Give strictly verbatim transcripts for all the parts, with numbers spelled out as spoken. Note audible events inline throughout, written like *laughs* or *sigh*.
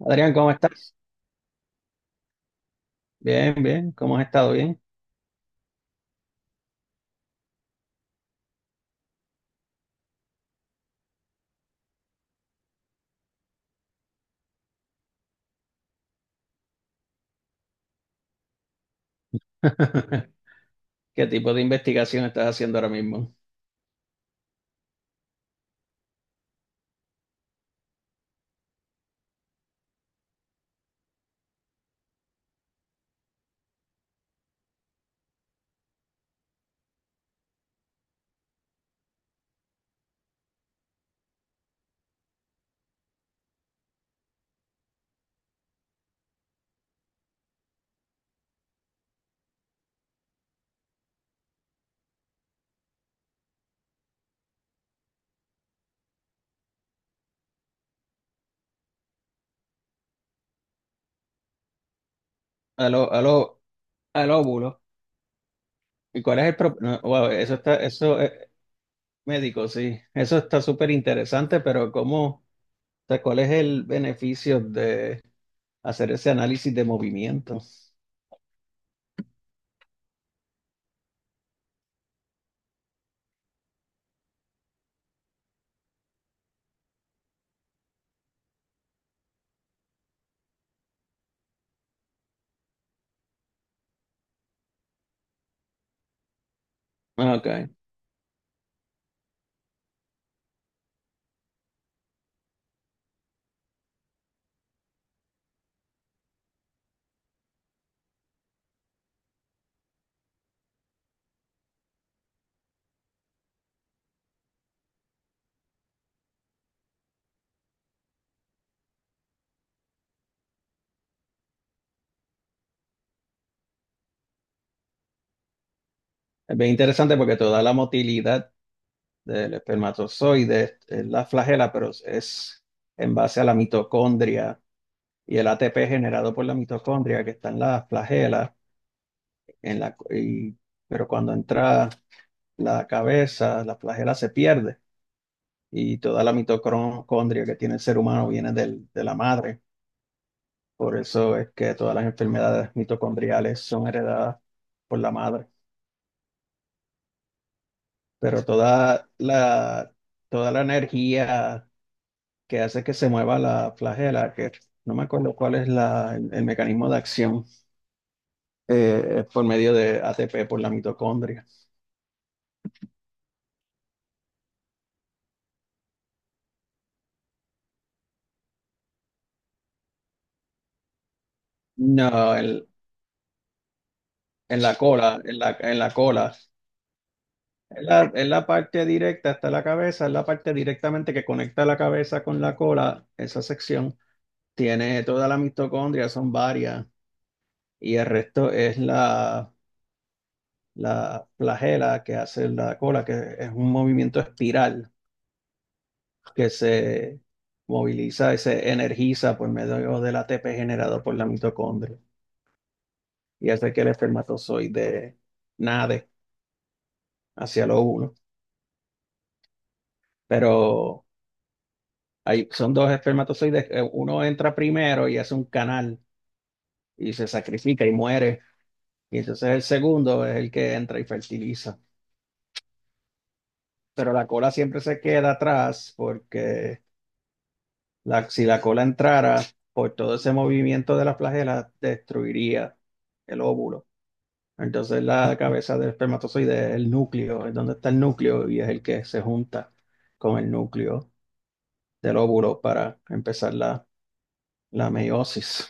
Adrián, ¿cómo estás? Bien, bien, ¿cómo has estado? Bien. *laughs* ¿Qué tipo de investigación estás haciendo ahora mismo? A lo, a lo- al óvulo. ¿Y cuál es el pro- No, wow, eso está, eso es médico, sí. Eso está súper interesante, pero ¿cómo, o sea, cuál es el beneficio de hacer ese análisis de movimiento? Ah, Ok. Es bien interesante porque toda la motilidad del espermatozoide es la flagela, pero es en base a la mitocondria y el A T P generado por la mitocondria que está en las flagelas, en la, y- pero cuando entra la cabeza, la flagela se pierde y toda la mitocondria que tiene el ser humano viene del- de la madre. Por eso es que todas las enfermedades mitocondriales son heredadas por la madre. Pero toda la, toda la energía que hace que se mueva la flagela, que no me acuerdo cuál es la- el, el mecanismo de acción, eh, es por medio de A T P por la mitocondria. No, en, en la cola, en la, en la cola. Es la, es la parte directa hasta la cabeza, es la parte directamente que conecta la cabeza con la cola, esa sección. Tiene toda la mitocondria, son varias, y el resto es la, la flagela que hace la cola, que es un movimiento espiral que se moviliza y se energiza por medio del A T P generado por la mitocondria y hace que el espermatozoide nade hacia lo uno. Pero Hay, son dos espermatozoides, eh, uno entra primero y hace un canal y se sacrifica y muere, y entonces el segundo es el que entra y fertiliza. Pero la cola siempre se queda atrás porque la- si la cola entrara, por todo ese movimiento de la flagela, destruiría el óvulo. Entonces la cabeza del espermatozoide es el núcleo, es donde está el núcleo y es el que se junta con el núcleo del óvulo para empezar la, la meiosis.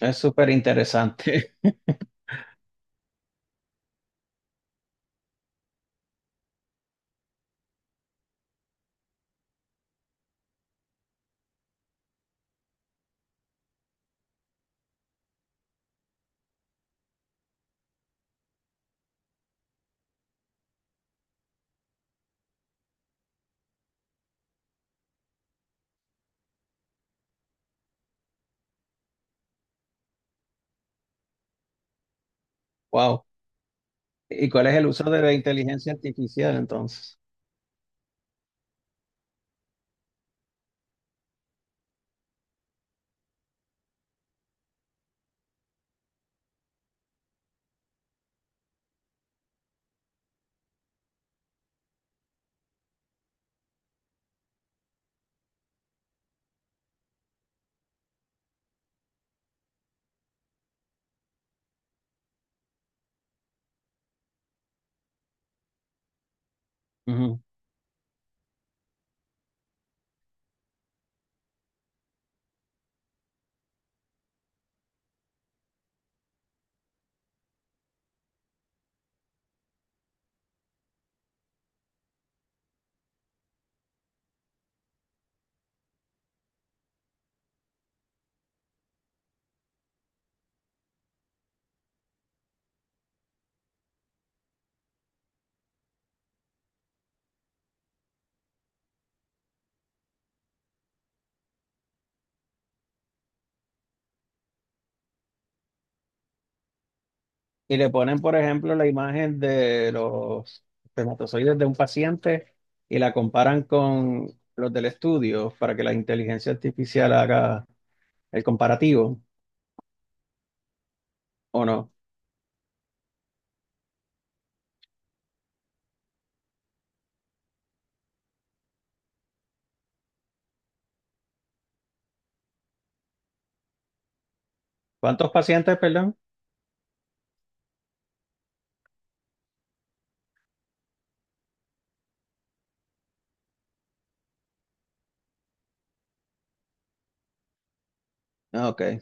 Es súper interesante. Wow. ¿Y cuál es el uso de la inteligencia artificial entonces? Ujú. Y le ponen, por ejemplo, la imagen de los espermatozoides de un paciente y la comparan con los del estudio para que la inteligencia artificial haga el comparativo, ¿o no? ¿Cuántos pacientes, perdón? Ah, Ok.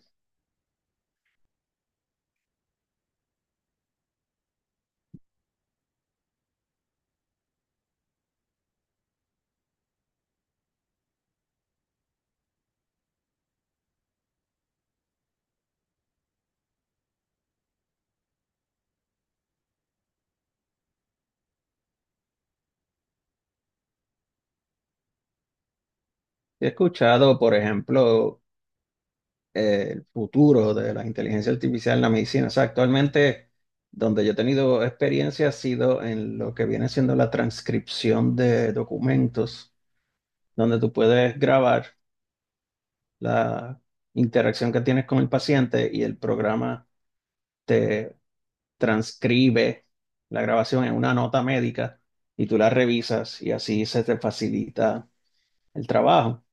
He escuchado, por ejemplo, eh, el futuro de la inteligencia artificial en la medicina. O sea, actualmente donde yo he tenido experiencia ha sido en lo que viene siendo la transcripción de documentos, donde tú puedes grabar la interacción que tienes con el paciente y el programa te transcribe la grabación en una nota médica y tú la revisas y así se te facilita el trabajo.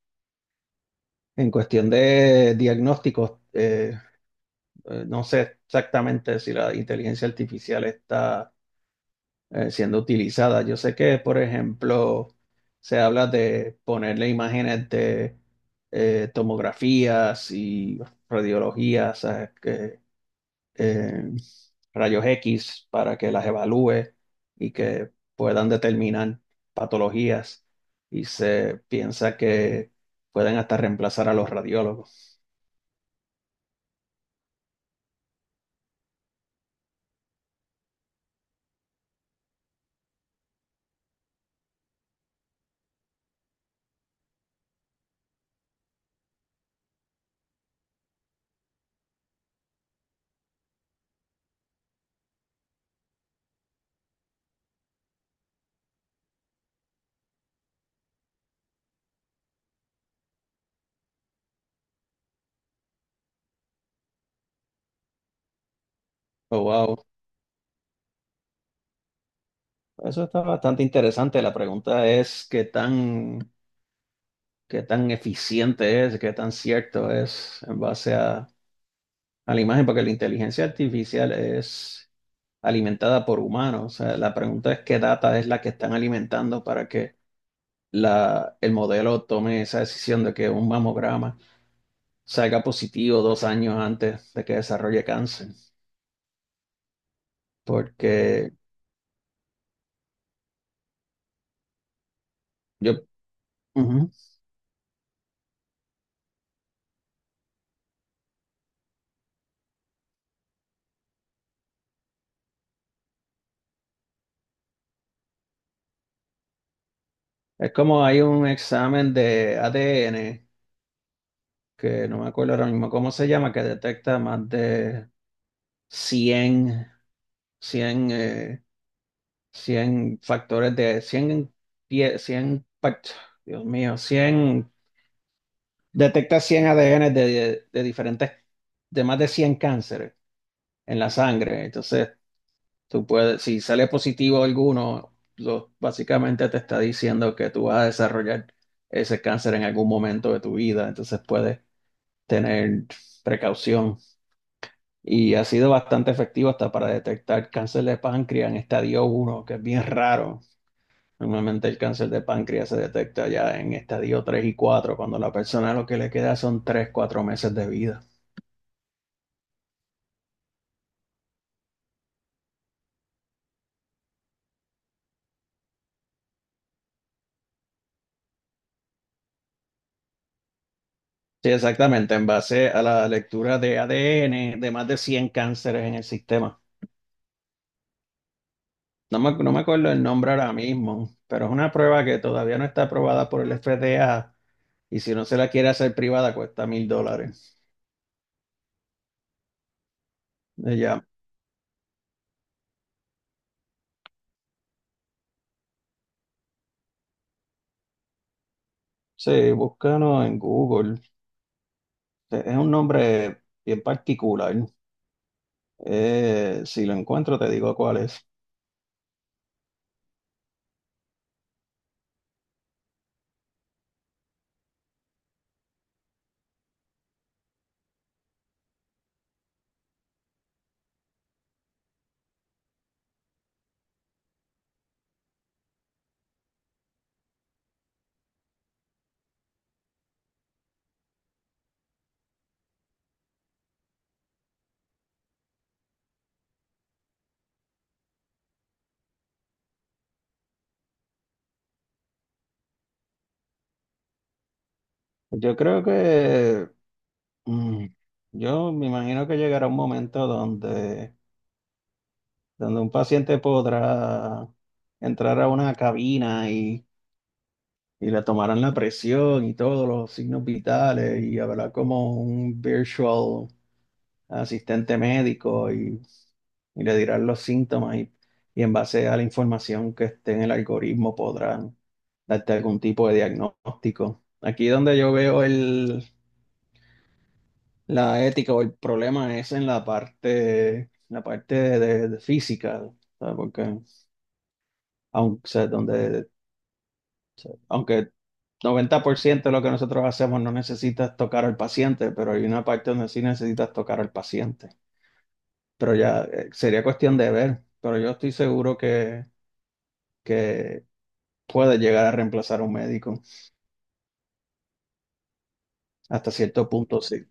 En cuestión de diagnósticos, eh, Eh, no sé exactamente si la inteligencia artificial está eh, siendo utilizada. Yo sé que, por ejemplo, se habla de ponerle imágenes de eh, tomografías y radiologías, eh, que, eh, rayos X para que las evalúe y que puedan determinar patologías. Y se piensa que pueden hasta reemplazar a los radiólogos. Oh, wow. Eso está bastante interesante. La pregunta es qué tan, qué tan eficiente es, qué tan cierto es en base a, a la imagen, porque la inteligencia artificial es alimentada por humanos. O sea, la pregunta es qué data es la que están alimentando para que la, el modelo tome esa decisión de que un mamograma salga positivo dos años antes de que desarrolle cáncer. Porque yo, ujú. Es como hay un examen de A D N que no me acuerdo ahora mismo cómo se llama, que detecta más de cien cien eh, cien factores de cien pie- cien, pact- Dios mío, cien detecta cien A D N de, de diferentes, de más de cien cánceres en la sangre. Entonces, tú puedes, si sale positivo alguno, lo- básicamente te está diciendo que tú vas a desarrollar ese cáncer en algún momento de tu vida. Entonces, puedes tener precaución. Y ha sido bastante efectivo hasta para detectar cáncer de páncreas en estadio uno que es bien raro. Normalmente el cáncer de páncreas se detecta ya en estadio tres y cuatro cuando la persona lo que le queda son tres cuatro meses de vida. Sí, exactamente, en base a la lectura de A D N de más de cien cánceres en el sistema. No me, no me acuerdo el nombre ahora mismo, pero es una prueba que todavía no está aprobada por el F D A y si no se la quiere hacer privada cuesta mil dólares. Eh, ya sí, búscanos en Google. Este, Es un nombre bien particular. Eh, si lo encuentro, te digo cuál es. Yo creo que mm, yo me imagino que llegará un momento donde, donde un paciente podrá entrar a una cabina y, y le tomarán la presión y todos los signos vitales y habrá como un virtual asistente médico y, y le dirán los síntomas y, y en base a la información que esté en el algoritmo podrán darte algún tipo de diagnóstico. Aquí donde yo veo el, la ética o el problema es en la parte, la parte de, de física, ¿sabes? Porque aunque, o sea, donde, aunque noventa por ciento de lo que nosotros hacemos no necesitas tocar al paciente, pero hay una parte donde sí necesitas tocar al paciente. Pero ya eh, sería cuestión de ver, pero yo estoy seguro que, que puede llegar a reemplazar a un médico, hasta cierto punto sí.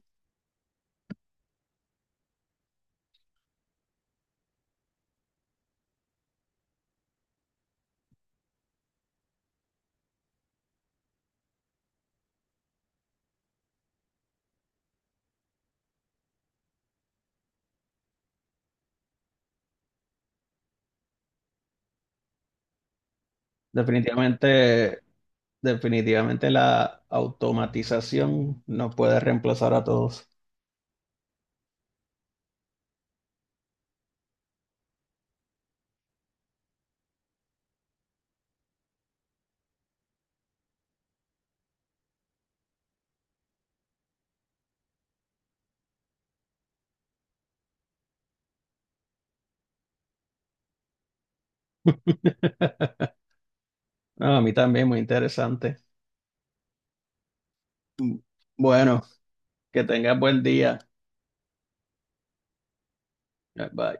Definitivamente, definitivamente la automatización no puede reemplazar a todos. *laughs* No, a mí también, muy interesante. Mm, Bueno, que tengas buen día. Bye.